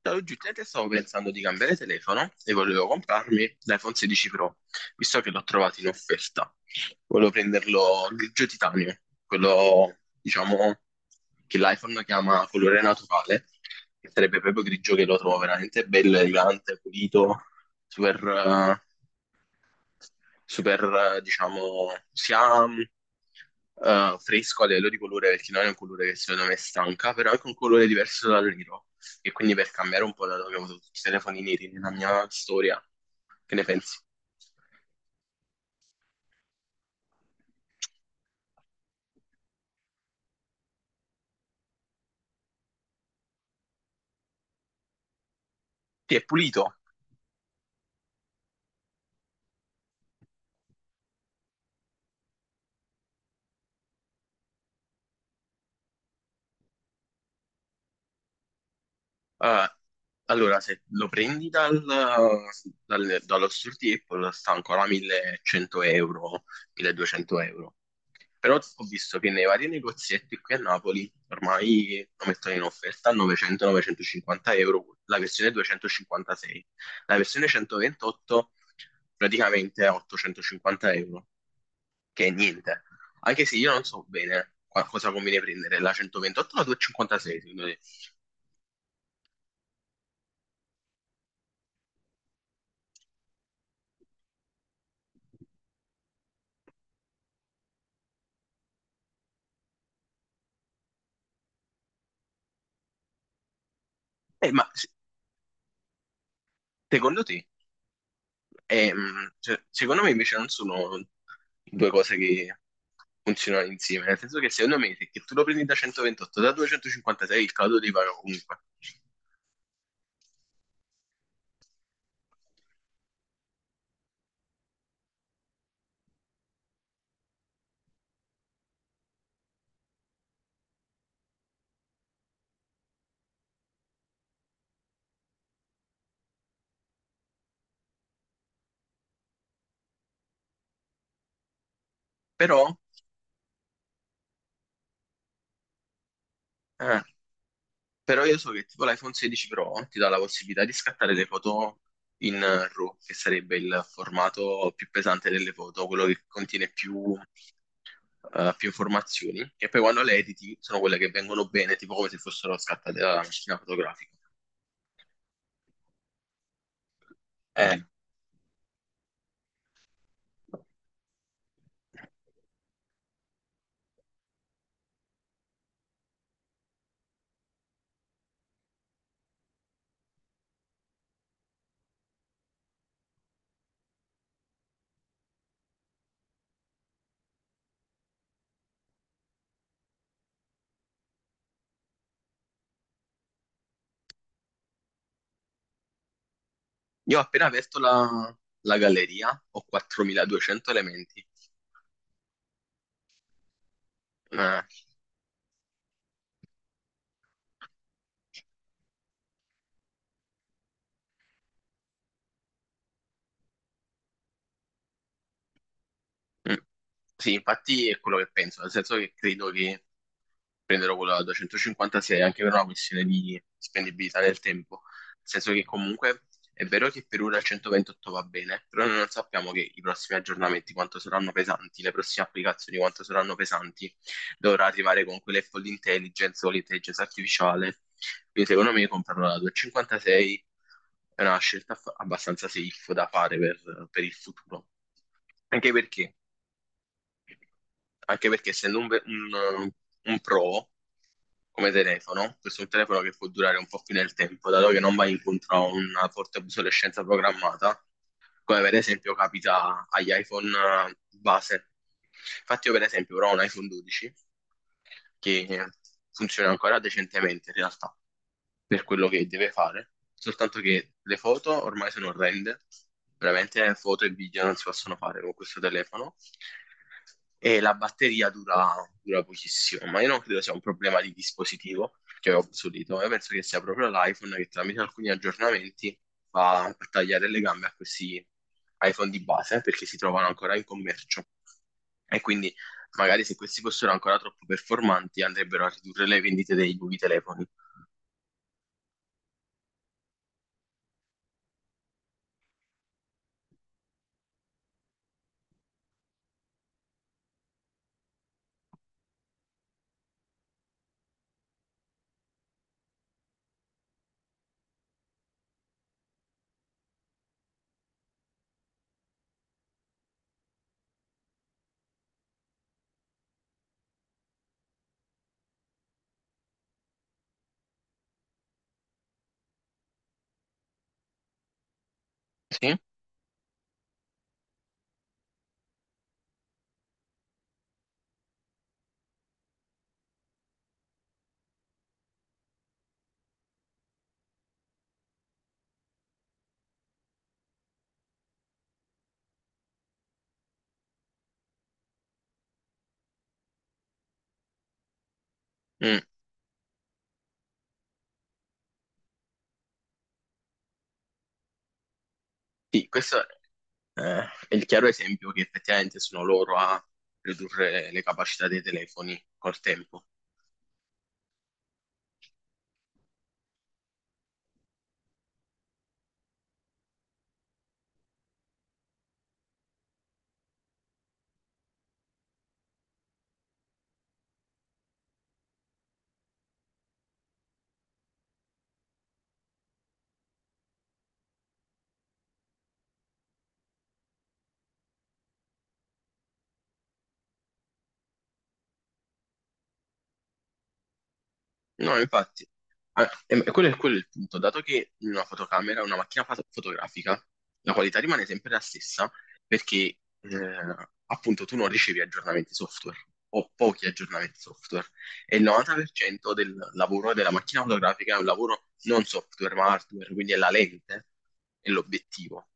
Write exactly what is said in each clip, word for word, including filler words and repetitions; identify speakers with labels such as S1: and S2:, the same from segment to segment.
S1: Da oggettivamente stavo pensando di cambiare telefono e volevo comprarmi l'iPhone sedici Pro, visto che l'ho trovato in offerta. Volevo prenderlo grigio titanio, quello, diciamo, che l'iPhone chiama colore naturale, che sarebbe proprio grigio che lo trovo veramente bello, elegante, pulito, super, eh, super, eh, diciamo, sia mh, eh, fresco a livello di colore, perché non è un colore che secondo me stanca, però è anche un colore diverso dal nero. E quindi per cambiare un po' dato che ho avuto tutti i telefoni neri nella mia storia, che ne pensi? Sì, è pulito. Eh, allora, se lo prendi dal, dal- dallo store di Apple, sta ancora millecento euro, milleduecento euro. Però ho visto che nei vari negozietti qui a Napoli ormai lo mettono in offerta a novecento-novecentocinquanta euro, la versione duecentocinquantasei. La versione centoventotto praticamente a ottocentocinquanta euro, che è niente. Anche se io non so bene qua- cosa conviene prendere, la centoventotto o la duecentocinquantasei secondo te? Eh, ma se- secondo te. E, mh, se- secondo me invece non sono due cose che funzionano insieme, nel senso che secondo me se che tu lo prendi da centoventotto, da duecentocinquantasei il caldo ti paga comunque. Però, eh, però io so che tipo l'iPhone sedici Pro ti dà la possibilità di scattare le foto in eh, RAW, che sarebbe il formato più pesante delle foto, quello che contiene più, eh, più informazioni, e poi quando le editi sono quelle che vengono bene, tipo come se fossero scattate dalla macchina fotografica. Ah. Eh, Io ho appena aperto la, la galleria, ho quattromiladuecento elementi. Eh, mm, sì, infatti è quello che penso, nel senso che credo che prenderò quello da duecentocinquantasei anche per una questione di spendibilità nel tempo. Nel senso che comunque è vero che per ora il centoventotto va bene, però noi non sappiamo che i prossimi aggiornamenti quanto saranno pesanti, le prossime applicazioni quanto saranno pesanti. Dovrà arrivare con quelle full intelligence o l'intelligenza artificiale. Quindi secondo me comprarlo da duecentocinquantasei è una scelta fa- abbastanza safe da fare per, per il futuro. Anche perché, anche perché essendo un, ve- un, un pro come telefono, questo è un telefono che può durare un po' più nel tempo, dato che non va incontro a una forte obsolescenza programmata, come per esempio capita agli iPhone eh, base. Infatti io per esempio ora ho un iPhone dodici che funziona ancora decentemente in realtà, per quello che deve fare, soltanto che le foto ormai sono orrende, veramente foto e video non si possono fare con questo telefono e la batteria dura, dura pochissimo, ma io non credo sia un problema di dispositivo che è obsoleto, io penso che sia proprio l'iPhone che tramite alcuni aggiornamenti va a tagliare le gambe a questi iPhone di base perché si trovano ancora in commercio e quindi magari se questi fossero ancora troppo performanti andrebbero a ridurre le vendite dei nuovi telefoni. Sì? Mm. Sì, questo eh, è il chiaro esempio che effettivamente sono loro a ridurre le capacità dei telefoni col tempo. No, infatti. Ah, e- e quello è, quello è il punto, dato che una fotocamera, una macchina foto- fotografica, la qualità rimane sempre la stessa perché eh, appunto tu non ricevi aggiornamenti software o pochi aggiornamenti software e il novanta per cento del lavoro della macchina fotografica è un lavoro non software ma hardware, quindi è la lente e l'obiettivo.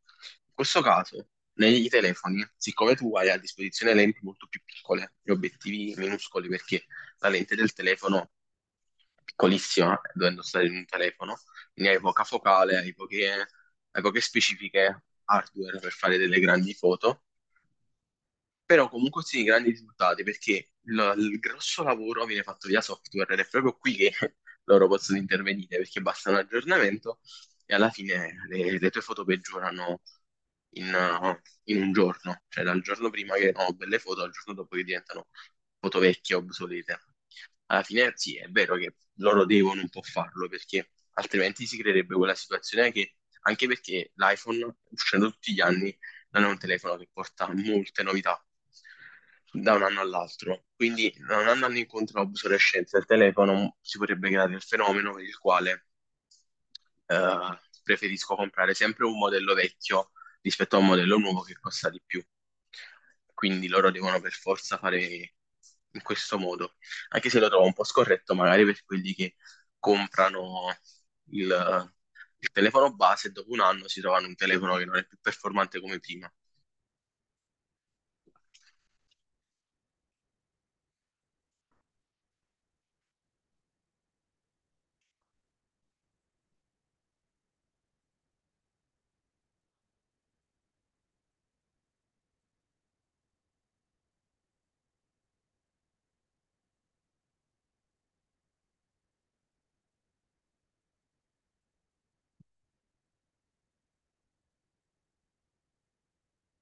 S1: In questo caso, nei telefoni, siccome tu hai a disposizione lenti molto più piccole e obiettivi minuscoli perché la lente del telefono piccolissima, dovendo stare in un telefono, quindi hai poca focale, hai poche, hai poche specifiche hardware per fare delle grandi foto però comunque sì, grandi risultati perché il, il grosso lavoro viene fatto via software ed è proprio qui che loro possono intervenire perché basta un aggiornamento e alla fine le, le tue foto peggiorano in, uh, in un giorno, cioè dal giorno prima che erano belle foto al giorno dopo che diventano foto vecchie, obsolete. Alla fine sì, è vero che loro devono un po' farlo perché altrimenti si creerebbe quella situazione che anche perché l'iPhone uscendo tutti gli anni non è un telefono che porta molte novità da un anno all'altro. Quindi, non andando incontro all'obsolescenza del telefono, si potrebbe creare il fenomeno per il quale eh, preferisco comprare sempre un modello vecchio rispetto a un modello nuovo che costa di più. Quindi loro devono per forza fare in questo modo, anche se lo trovo un po' scorretto, magari per quelli che comprano il il telefono base e dopo un anno si trovano un telefono che non è più performante come prima.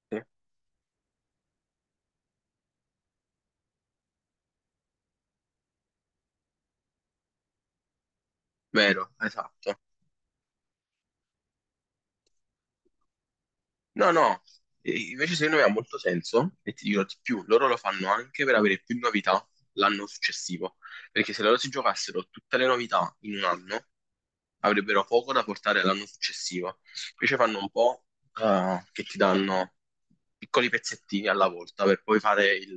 S1: Sì. Vero, esatto. No, no, e invece secondo me ha molto senso e ti dirò di più, loro lo fanno anche per avere più novità l'anno successivo, perché se loro si giocassero tutte le novità in un anno, avrebbero poco da portare l'anno successivo. Invece fanno un po' eh, che ti danno piccoli pezzettini alla volta per poi fare il,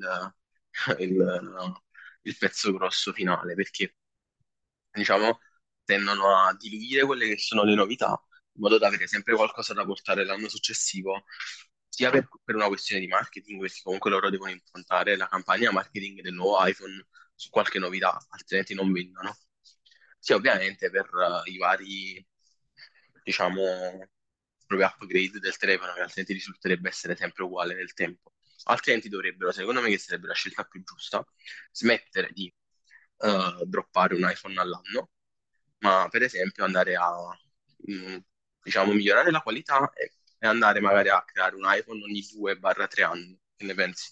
S1: il- il pezzo grosso finale, perché diciamo, tendono a diluire quelle che sono le novità, in modo da avere sempre qualcosa da portare l'anno successivo, sia per, per una questione di marketing, perché comunque loro devono improntare la campagna marketing del nuovo iPhone su qualche novità, altrimenti non vendono. Sia ovviamente per eh, i vari, diciamo, proprio upgrade del telefono, che altrimenti risulterebbe essere sempre uguale nel tempo. Altrimenti dovrebbero, secondo me, che sarebbe la scelta più giusta, smettere di eh, droppare un iPhone all'anno, ma per esempio andare a, mh, diciamo, migliorare la qualità e, e andare magari a creare un iPhone ogni due tre anni. Che ne pensi?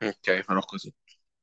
S1: Ok, farò così.